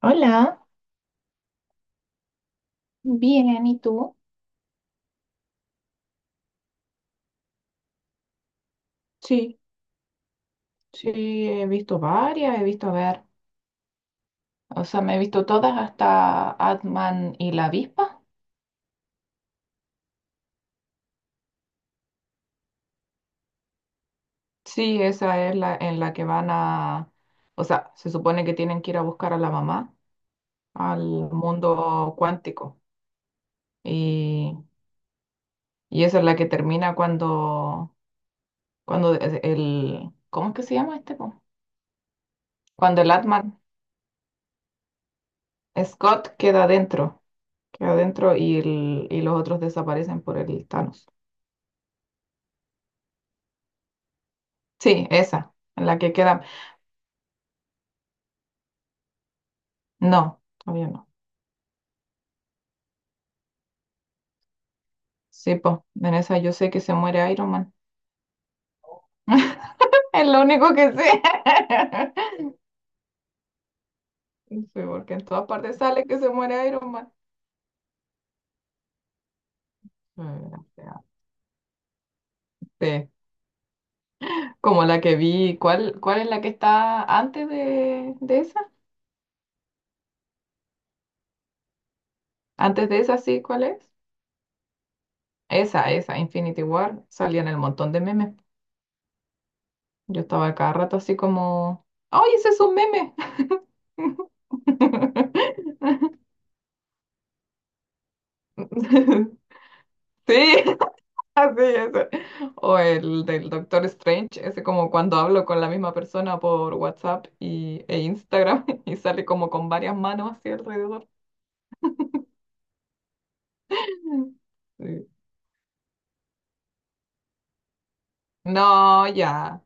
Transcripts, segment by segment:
Hola. Bien, ¿y tú? Sí, sí, he visto varias, he visto, a ver, o sea, me he visto todas hasta Atman y la avispa. Sí, esa es la en la que van a, o sea, se supone que tienen que ir a buscar a la mamá al mundo cuántico. Y, y esa es la que termina cuando, cuando es el, ¿cómo es que se llama este? ¿Po? Cuando el Atman Scott queda adentro y, y los otros desaparecen por el Thanos. Sí, esa, la que queda. No, todavía no. Sí, pues, en esa yo sé que se muere Iron Man. Es lo único que sé. Sí, porque en todas partes sale que se muere Iron Man. O sea, sí, como la que vi. ¿Cuál, cuál es la que está antes de esa? Antes de esa, sí, ¿cuál es? Esa, Infinity War. Salían el montón de memes. Yo estaba cada rato así como, ¡ay, ese es un meme! Sí, así, ese. O el del Doctor Strange, ese como cuando hablo con la misma persona por WhatsApp y, e Instagram y sale como con varias manos así alrededor. Sí. No, ya,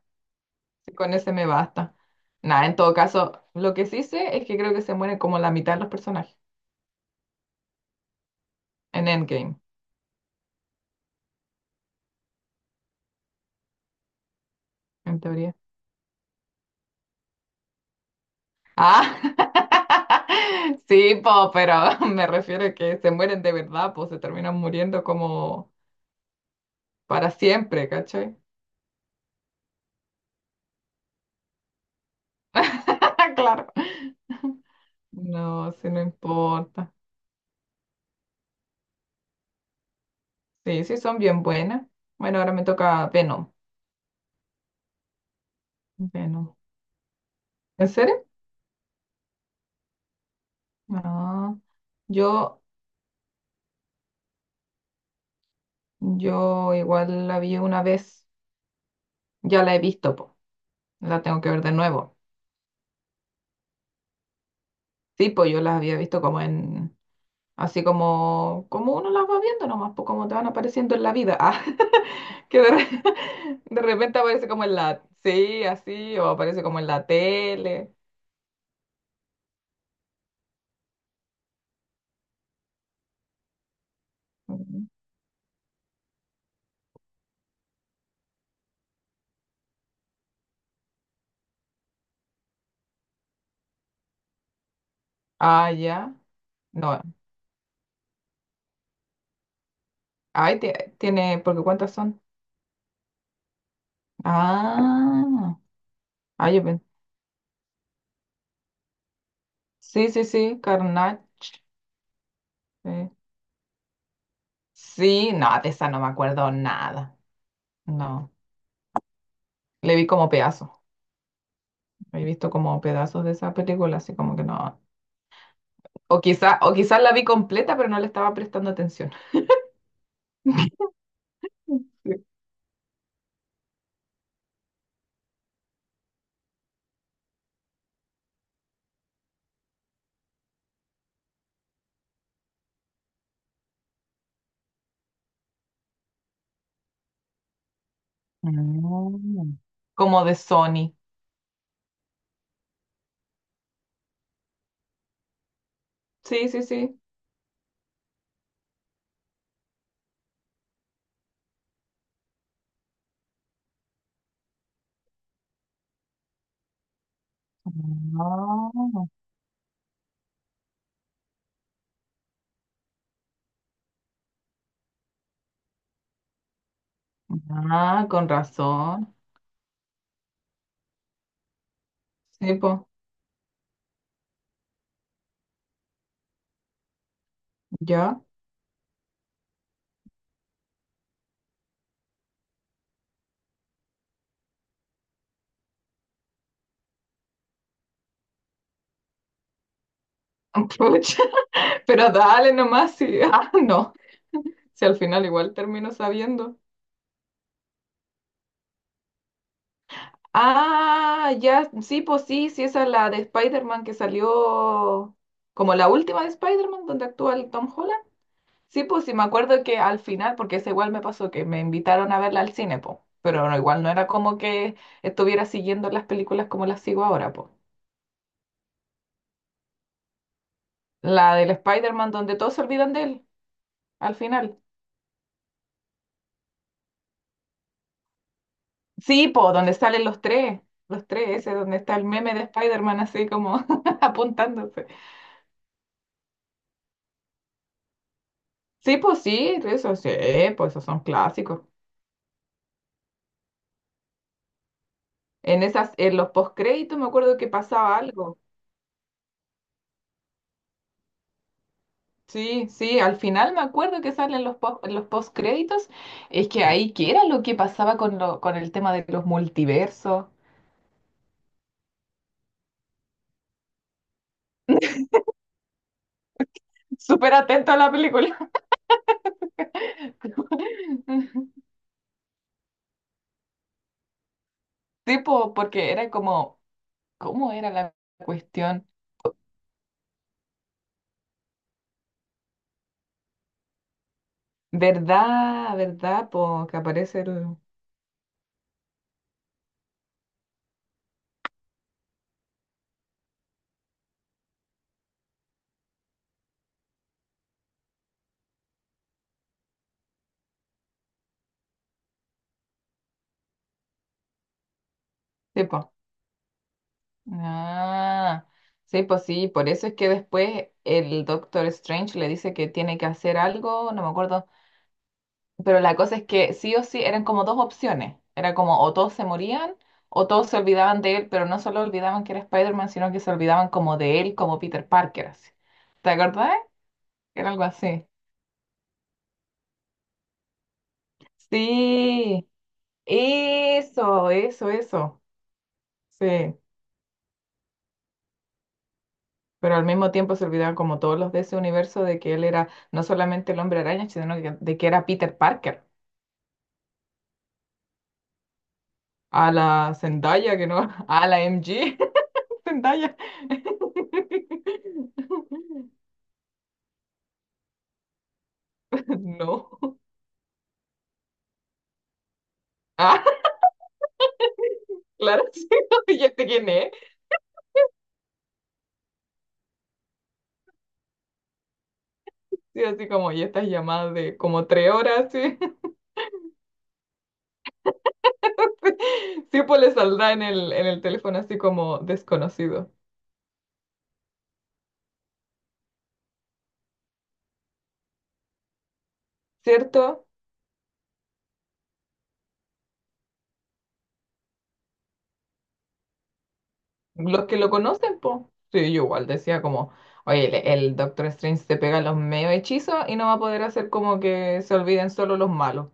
sí, con ese me basta. Nada, en todo caso, lo que sí sé es que creo que se mueren como la mitad de los personajes en Endgame, en teoría. Ah, sí, po, pero me refiero a que se mueren de verdad, pues se terminan muriendo como para siempre, ¿cachai? Claro. No, sí, no importa. Sí, sí, son bien buenas. Bueno, ahora me toca Venom. Venom. ¿En serio? No. Yo, yo igual la vi una vez. Ya la he visto, po. La tengo que ver de nuevo. Sí, pues yo las había visto como en. Así como, como uno las va viendo nomás, pues como te van apareciendo en la vida. Ah, que de, re- de repente aparece como en la. Sí, así, o aparece como en la tele. Ujú. Ah, ya. No. Ay, tiene, porque ¿cuántas son? Ah, ah, yo pen- sí, sí, sí, Carnage. Sí, sí, no, de esa no me acuerdo nada. No, le vi como pedazos. He visto como pedazos de esa película, así como que no. O quizá, o quizás la vi completa, pero no le estaba prestando atención. Sí. Mm. Como de Sony. Sí, sí, sí. Ah. Ah, con razón. Sí, pues, ya. Pero dale nomás, sí. Ah, no. Si al final igual termino sabiendo. Ah, ya, sí, pues sí, sí, esa es la de Spider-Man que salió como la última de Spider-Man donde actúa el Tom Holland. Sí, pues sí, me acuerdo que al final, porque esa igual me pasó que me invitaron a verla al cine, po. Pero no, igual no era como que estuviera siguiendo las películas como las sigo ahora, po. La del Spider-Man donde todos se olvidan de él, al final. Sí, po, donde salen los tres, ese donde está el meme de Spider-Man así como apuntándose. Sí, pues sí, eso sí, pues esos son clásicos. En esas, en los postcréditos me acuerdo que pasaba algo. Sí, sí, al final me acuerdo que salen los post, los postcréditos. Es que ahí que era lo que pasaba con lo, con el tema de los multiversos. Súper atento a la película. Sí, po, porque era como, ¿cómo era la cuestión? ¿Verdad? ¿Verdad? Po, que aparece el... Sí, po. Ah, sí, pues sí, por eso es que después el Doctor Strange le dice que tiene que hacer algo, no me acuerdo, pero la cosa es que sí o sí eran como dos opciones, era como o todos se morían o todos se olvidaban de él, pero no solo olvidaban que era Spider-Man, sino que se olvidaban como de él, como Peter Parker, así. ¿Te acordás? Era algo así. Sí, eso, eso, eso. Sí, pero al mismo tiempo se olvidaban como todos los de ese universo de que él era no solamente el hombre araña, de que era Peter Parker, a la Zendaya, que no, a la MG, Zendaya. No. Ah, claro, sí, ¿y este quién es? Sí, así como, y estas llamadas de como 3 horas, sí. Sí, pues le saldrá en el teléfono así como desconocido, ¿cierto? Los que lo conocen, po. Sí, yo igual decía como, oye, el Doctor Strange se pega los medio hechizos y no va a poder hacer como que se olviden solo los malos.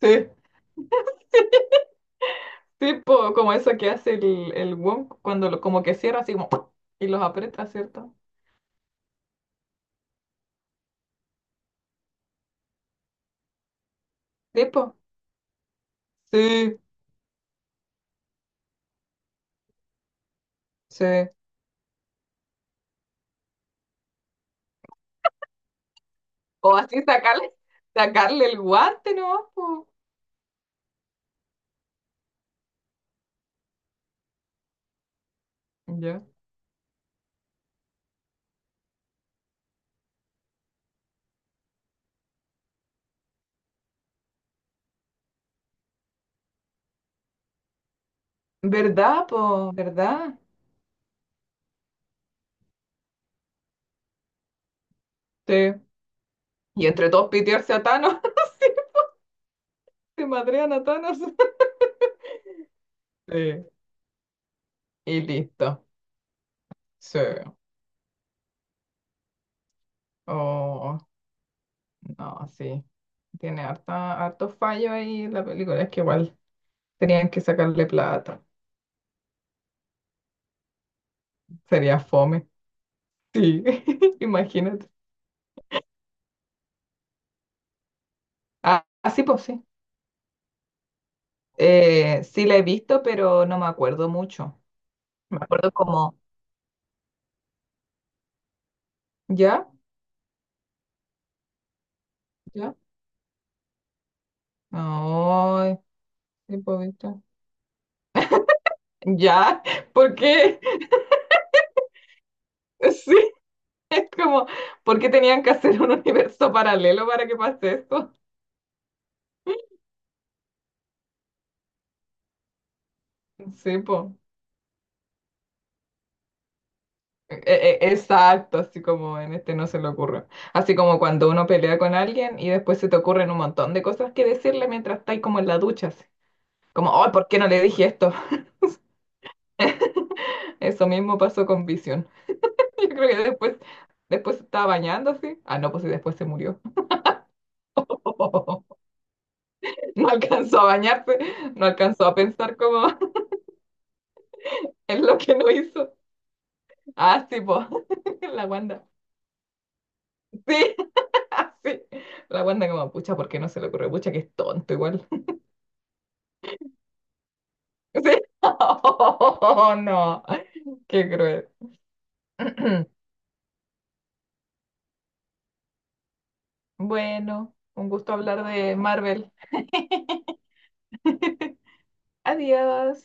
Sí, tipo como eso que hace el Wong cuando lo, como que cierra así como ¡pum! Y los aprieta, ¿cierto? Tipo, sí, sí. O así sacarle, sacarle el guante no po. Ya. ¿Verdad, po? ¿Verdad? Sí. Y entre todos pitearse a Thanos, se madrean a Thanos. Sí. Y listo. Sí. Oh, no, sí. Tiene harta, harto fallo ahí la película. Es que igual tenían que sacarle plata. Sería fome. Sí, imagínate. Ah, ah, sí, pues sí. Sí la he visto, pero no me acuerdo mucho. Me acuerdo como, ¿ya? ¿Ya? No, sí, pues ¿viste? ¿Ya? ¿Por qué? Sí, es como, ¿por qué tenían que hacer un universo paralelo para que pase esto? Sí, pues. Exacto, así como en este no se le ocurre. Así como cuando uno pelea con alguien y después se te ocurren un montón de cosas que decirle mientras estáis como en la ducha, así. Como, oh, ¿por qué no le dije esto? Eso mismo pasó con Vision. Yo creo que después, después se estaba bañando así. Ah, no, pues y después se murió. No alcanzó a bañarse, no alcanzó a pensar como en lo que no hizo. Ah, sí, pues, la Wanda. Sí, sí. La Wanda como, pucha, ¿por qué no se le ocurre? Pucha, que es tonto igual. Sí. Oh, no, qué cruel. Bueno, un gusto hablar de Marvel. Adiós.